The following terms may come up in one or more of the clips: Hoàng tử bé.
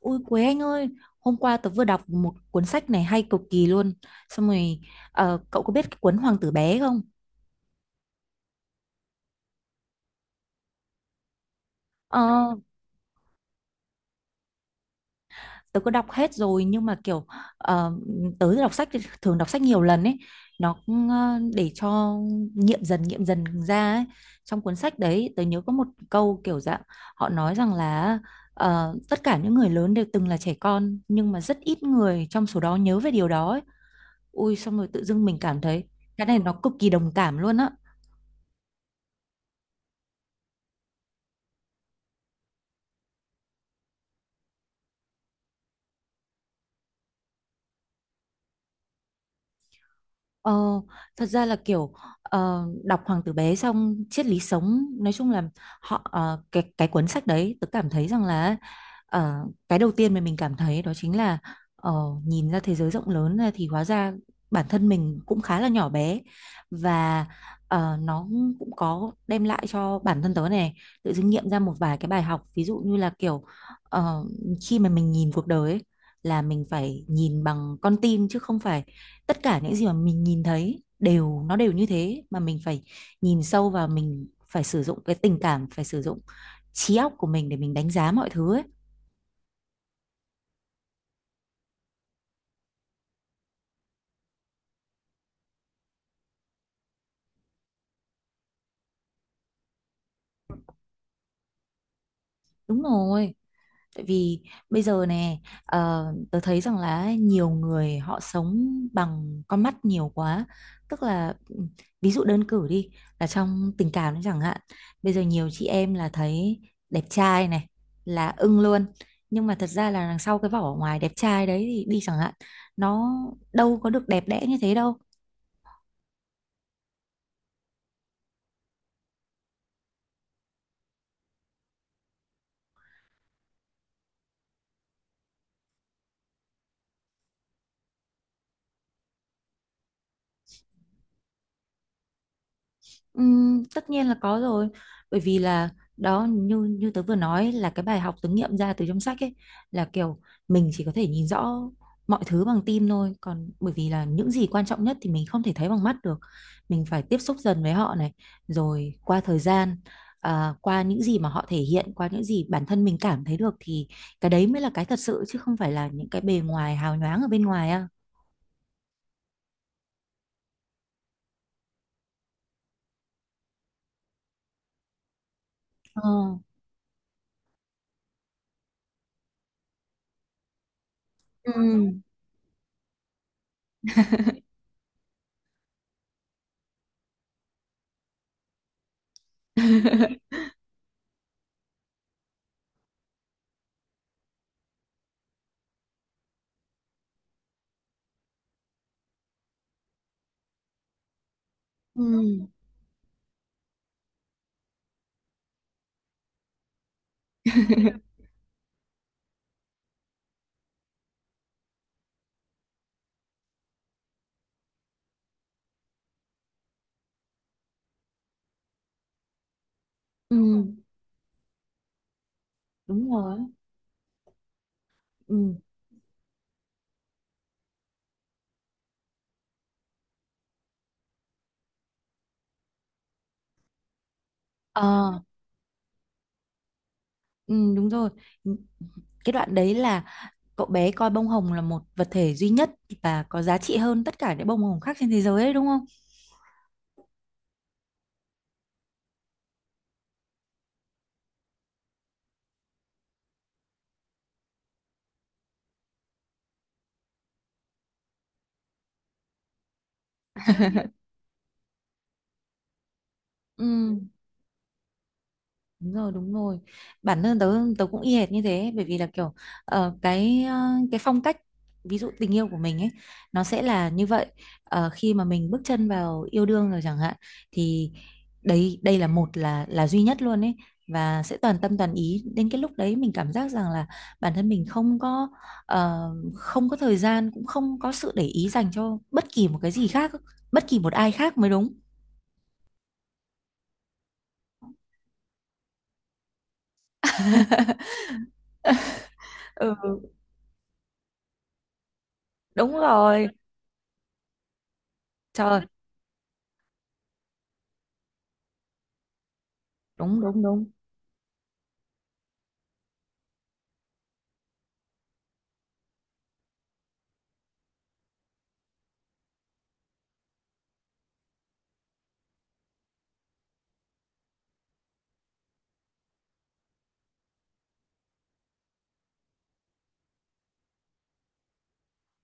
Ui Quế anh ơi, hôm qua tớ vừa đọc một cuốn sách này hay cực kỳ luôn. Xong rồi, cậu có biết cái cuốn Hoàng tử bé không? Ờ, tớ có đọc hết rồi nhưng mà kiểu ờ, tớ đọc sách thì thường đọc sách nhiều lần ấy. Nó cũng, để cho nghiệm dần ra ấy. Trong cuốn sách đấy tớ nhớ có một câu kiểu dạng họ nói rằng là tất cả những người lớn đều từng là trẻ con nhưng mà rất ít người trong số đó nhớ về điều đó ấy. Ui xong rồi tự dưng mình cảm thấy cái này nó cực kỳ đồng cảm luôn á. Ờ, thật ra là kiểu đọc Hoàng tử bé xong triết lý sống nói chung là họ cái cuốn sách đấy tớ cảm thấy rằng là ờ, cái đầu tiên mà mình cảm thấy đó chính là ờ, nhìn ra thế giới rộng lớn ra thì hóa ra bản thân mình cũng khá là nhỏ bé, và nó cũng có đem lại cho bản thân tớ này tự dưng nghiệm ra một vài cái bài học, ví dụ như là kiểu ờ, khi mà mình nhìn cuộc đời ấy, là mình phải nhìn bằng con tim, chứ không phải tất cả những gì mà mình nhìn thấy đều nó đều như thế, mà mình phải nhìn sâu vào, mình phải sử dụng cái tình cảm, phải sử dụng trí óc của mình để mình đánh giá mọi thứ ấy. Đúng rồi. Tại vì bây giờ nè, ờ, tớ thấy rằng là nhiều người họ sống bằng con mắt nhiều quá. Tức là ừ, ví dụ đơn cử đi, là trong tình cảm đấy chẳng hạn. Bây giờ nhiều chị em là thấy đẹp trai này là ưng luôn. Nhưng mà thật ra là đằng sau cái vỏ ngoài đẹp trai đấy thì đi chẳng hạn, nó đâu có được đẹp đẽ như thế đâu. Tất nhiên là có rồi, bởi vì là đó, như như tớ vừa nói, là cái bài học tớ nghiệm ra từ trong sách ấy là kiểu mình chỉ có thể nhìn rõ mọi thứ bằng tim thôi, còn bởi vì là những gì quan trọng nhất thì mình không thể thấy bằng mắt được, mình phải tiếp xúc dần với họ này, rồi qua thời gian, à, qua những gì mà họ thể hiện, qua những gì bản thân mình cảm thấy được thì cái đấy mới là cái thật sự, chứ không phải là những cái bề ngoài hào nhoáng ở bên ngoài. À, ờ. Ừ. Ừ. Ừ, đúng rồi. Ừ. Ờ, ừ, đúng rồi. Cái đoạn đấy là cậu bé coi bông hồng là một vật thể duy nhất và có giá trị hơn tất cả những bông hồng khác trên thế giới đấy, đúng không? Ừ. Đúng rồi, đúng rồi. Bản thân tớ tớ cũng y hệt như thế, bởi vì là kiểu ờ, cái ờ, cái phong cách, ví dụ tình yêu của mình ấy, nó sẽ là như vậy. Ờ, khi mà mình bước chân vào yêu đương rồi chẳng hạn thì đấy, đây là một, là duy nhất luôn ấy, và sẽ toàn tâm toàn ý, đến cái lúc đấy mình cảm giác rằng là bản thân mình không có ờ, không có thời gian, cũng không có sự để ý dành cho bất kỳ một cái gì khác, bất kỳ một ai khác mới đúng. Ừ, đúng rồi. Trời, đúng, đúng, đúng.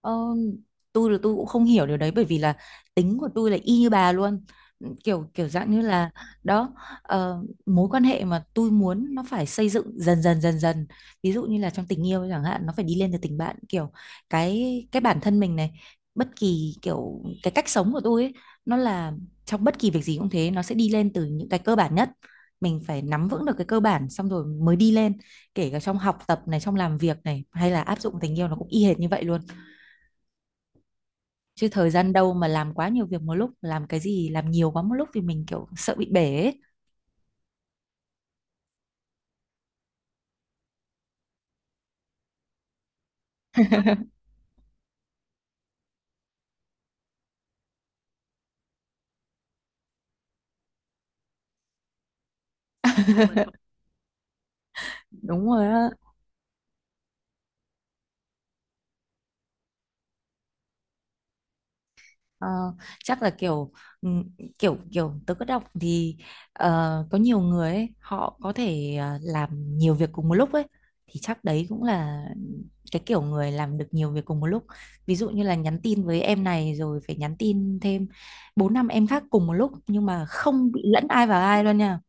Ờ, tôi là tôi cũng không hiểu điều đấy, bởi vì là tính của tôi là y như bà luôn, kiểu kiểu dạng như là, đó, mối quan hệ mà tôi muốn nó phải xây dựng dần dần dần dần, ví dụ như là trong tình yêu chẳng hạn, nó phải đi lên từ tình bạn, kiểu cái bản thân mình này, bất kỳ kiểu cái cách sống của tôi ấy, nó là trong bất kỳ việc gì cũng thế, nó sẽ đi lên từ những cái cơ bản nhất, mình phải nắm vững được cái cơ bản xong rồi mới đi lên, kể cả trong học tập này, trong làm việc này, hay là áp dụng tình yêu, nó cũng y hệt như vậy luôn, chứ thời gian đâu mà làm quá nhiều việc một lúc, làm cái gì làm nhiều quá một lúc thì mình kiểu sợ bị bể ấy. Đúng rồi. Á. Ờ, chắc là kiểu ừ, kiểu kiểu tớ có đọc thì có nhiều người ấy, họ có thể làm nhiều việc cùng một lúc ấy, thì chắc đấy cũng là cái kiểu người làm được nhiều việc cùng một lúc, ví dụ như là nhắn tin với em này rồi phải nhắn tin thêm 4 5 em khác cùng một lúc, nhưng mà không bị lẫn ai vào ai luôn nha,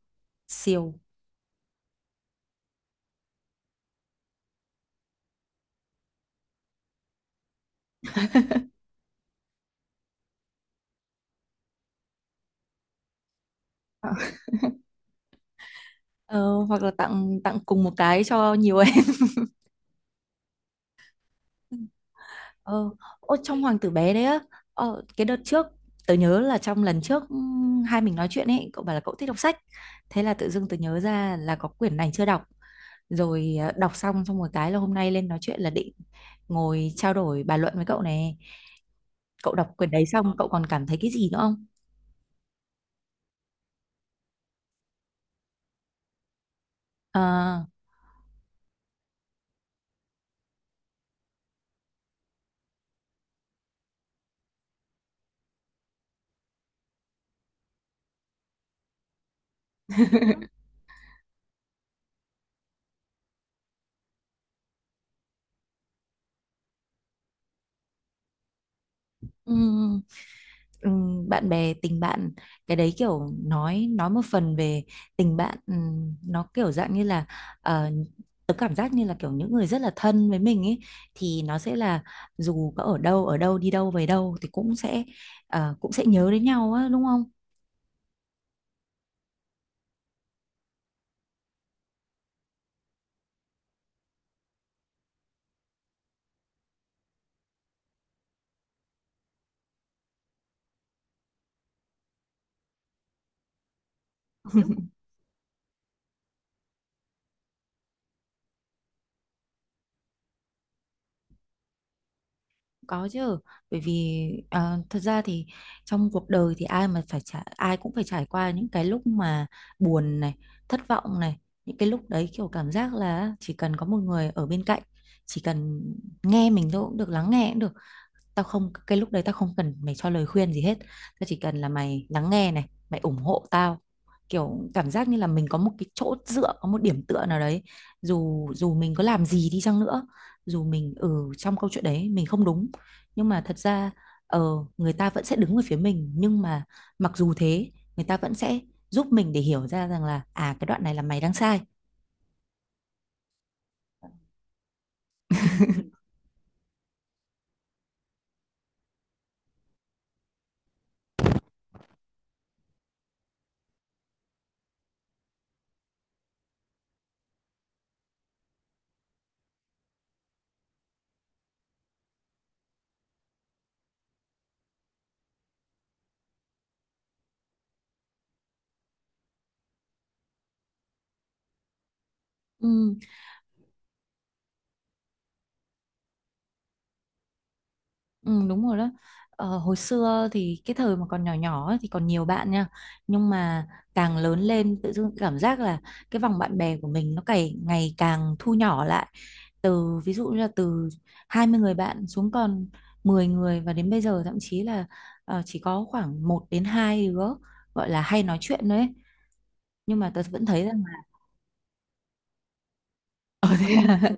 siêu. Ờ, hoặc là tặng tặng cùng một cái cho nhiều em. ờ Ô, trong hoàng tử bé đấy á, cái đợt trước tớ nhớ là, trong lần trước hai mình nói chuyện ấy, cậu bảo là cậu thích đọc sách, thế là tự dưng tớ nhớ ra là có quyển này chưa đọc, rồi đọc xong xong một cái là hôm nay lên nói chuyện là định ngồi trao đổi bàn luận với cậu này, cậu đọc quyển đấy xong cậu còn cảm thấy cái gì nữa không? À. Ừ, bạn bè, tình bạn, cái đấy kiểu nói một phần về tình bạn, ừ, nó kiểu dạng như là ờ, tớ cảm giác như là kiểu những người rất là thân với mình ấy, thì nó sẽ là dù có ở đâu ở đâu, đi đâu về đâu thì cũng sẽ cũng sẽ nhớ đến nhau á, đúng không? Có chứ, bởi vì à, thật ra thì trong cuộc đời thì ai cũng phải trải qua những cái lúc mà buồn này, thất vọng này, những cái lúc đấy kiểu cảm giác là chỉ cần có một người ở bên cạnh, chỉ cần nghe mình thôi cũng được, lắng nghe cũng được. Tao không Cái lúc đấy tao không cần mày cho lời khuyên gì hết. Tao chỉ cần là mày lắng nghe này, mày ủng hộ tao. Kiểu cảm giác như là mình có một cái chỗ dựa, có một điểm tựa nào đấy. Dù dù mình có làm gì đi chăng nữa, dù mình ở trong câu chuyện đấy mình không đúng, nhưng mà thật ra ờ, người ta vẫn sẽ đứng về phía mình, nhưng mà mặc dù thế người ta vẫn sẽ giúp mình để hiểu ra rằng là à, cái đoạn này là mày đang sai. Ừ. Ừ, đúng rồi đó. Ờ, hồi xưa thì cái thời mà còn nhỏ nhỏ ấy thì còn nhiều bạn nha. Nhưng mà càng lớn lên tự dưng cảm giác là cái vòng bạn bè của mình nó ngày ngày càng thu nhỏ lại. Từ ví dụ như là từ 20 người bạn xuống còn 10 người, và đến bây giờ thậm chí là chỉ có khoảng 1 đến 2 đứa gọi là hay nói chuyện đấy. Nhưng mà tớ vẫn thấy rằng là, Ờ thế à?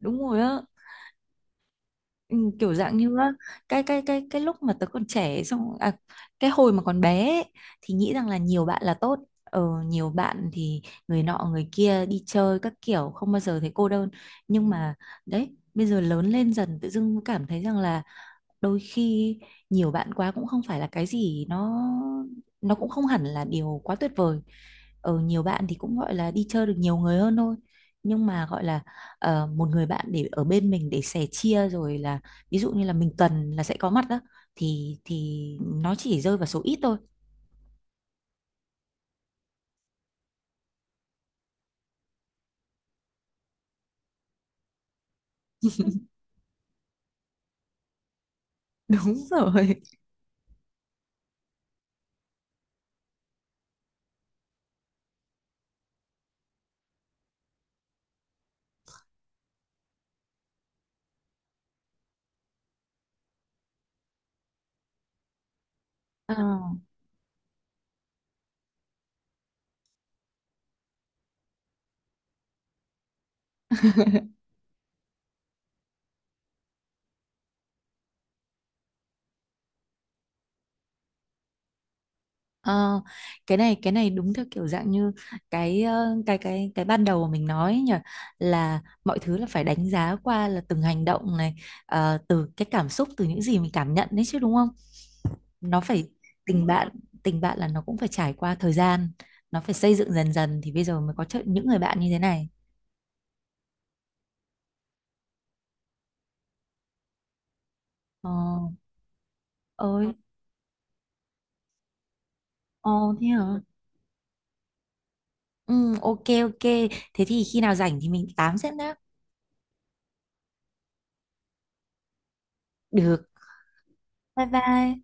đúng rồi á. Ừ, kiểu dạng như á, cái lúc mà tớ còn trẻ xong à, cái hồi mà còn bé ấy, thì nghĩ rằng là nhiều bạn là tốt, nhiều bạn thì người nọ người kia đi chơi các kiểu, không bao giờ thấy cô đơn. Nhưng mà đấy, bây giờ lớn lên dần tự dưng cảm thấy rằng là đôi khi nhiều bạn quá cũng không phải là cái gì, nó cũng không hẳn là điều quá tuyệt vời, ở nhiều bạn thì cũng gọi là đi chơi được nhiều người hơn thôi, nhưng mà gọi là một người bạn để ở bên mình để sẻ chia rồi là, ví dụ như là mình cần là sẽ có mặt đó, thì nó chỉ rơi vào số ít thôi. Đúng rồi. Ờ. Ờ, cái này đúng theo kiểu dạng như cái cái ban đầu mà mình nói ấy nhỉ, là mọi thứ là phải đánh giá qua là từng hành động này, từ cái cảm xúc, từ những gì mình cảm nhận đấy chứ, đúng không? Nó phải, tình bạn tình bạn là nó cũng phải trải qua thời gian, nó phải xây dựng dần dần, thì bây giờ mới có những người bạn như thế này. Ờ, ơi, ờ thế hả? Ừ, ok, ok. Thế thì khi nào rảnh thì mình tám sẽ nhá. Được. Bye bye.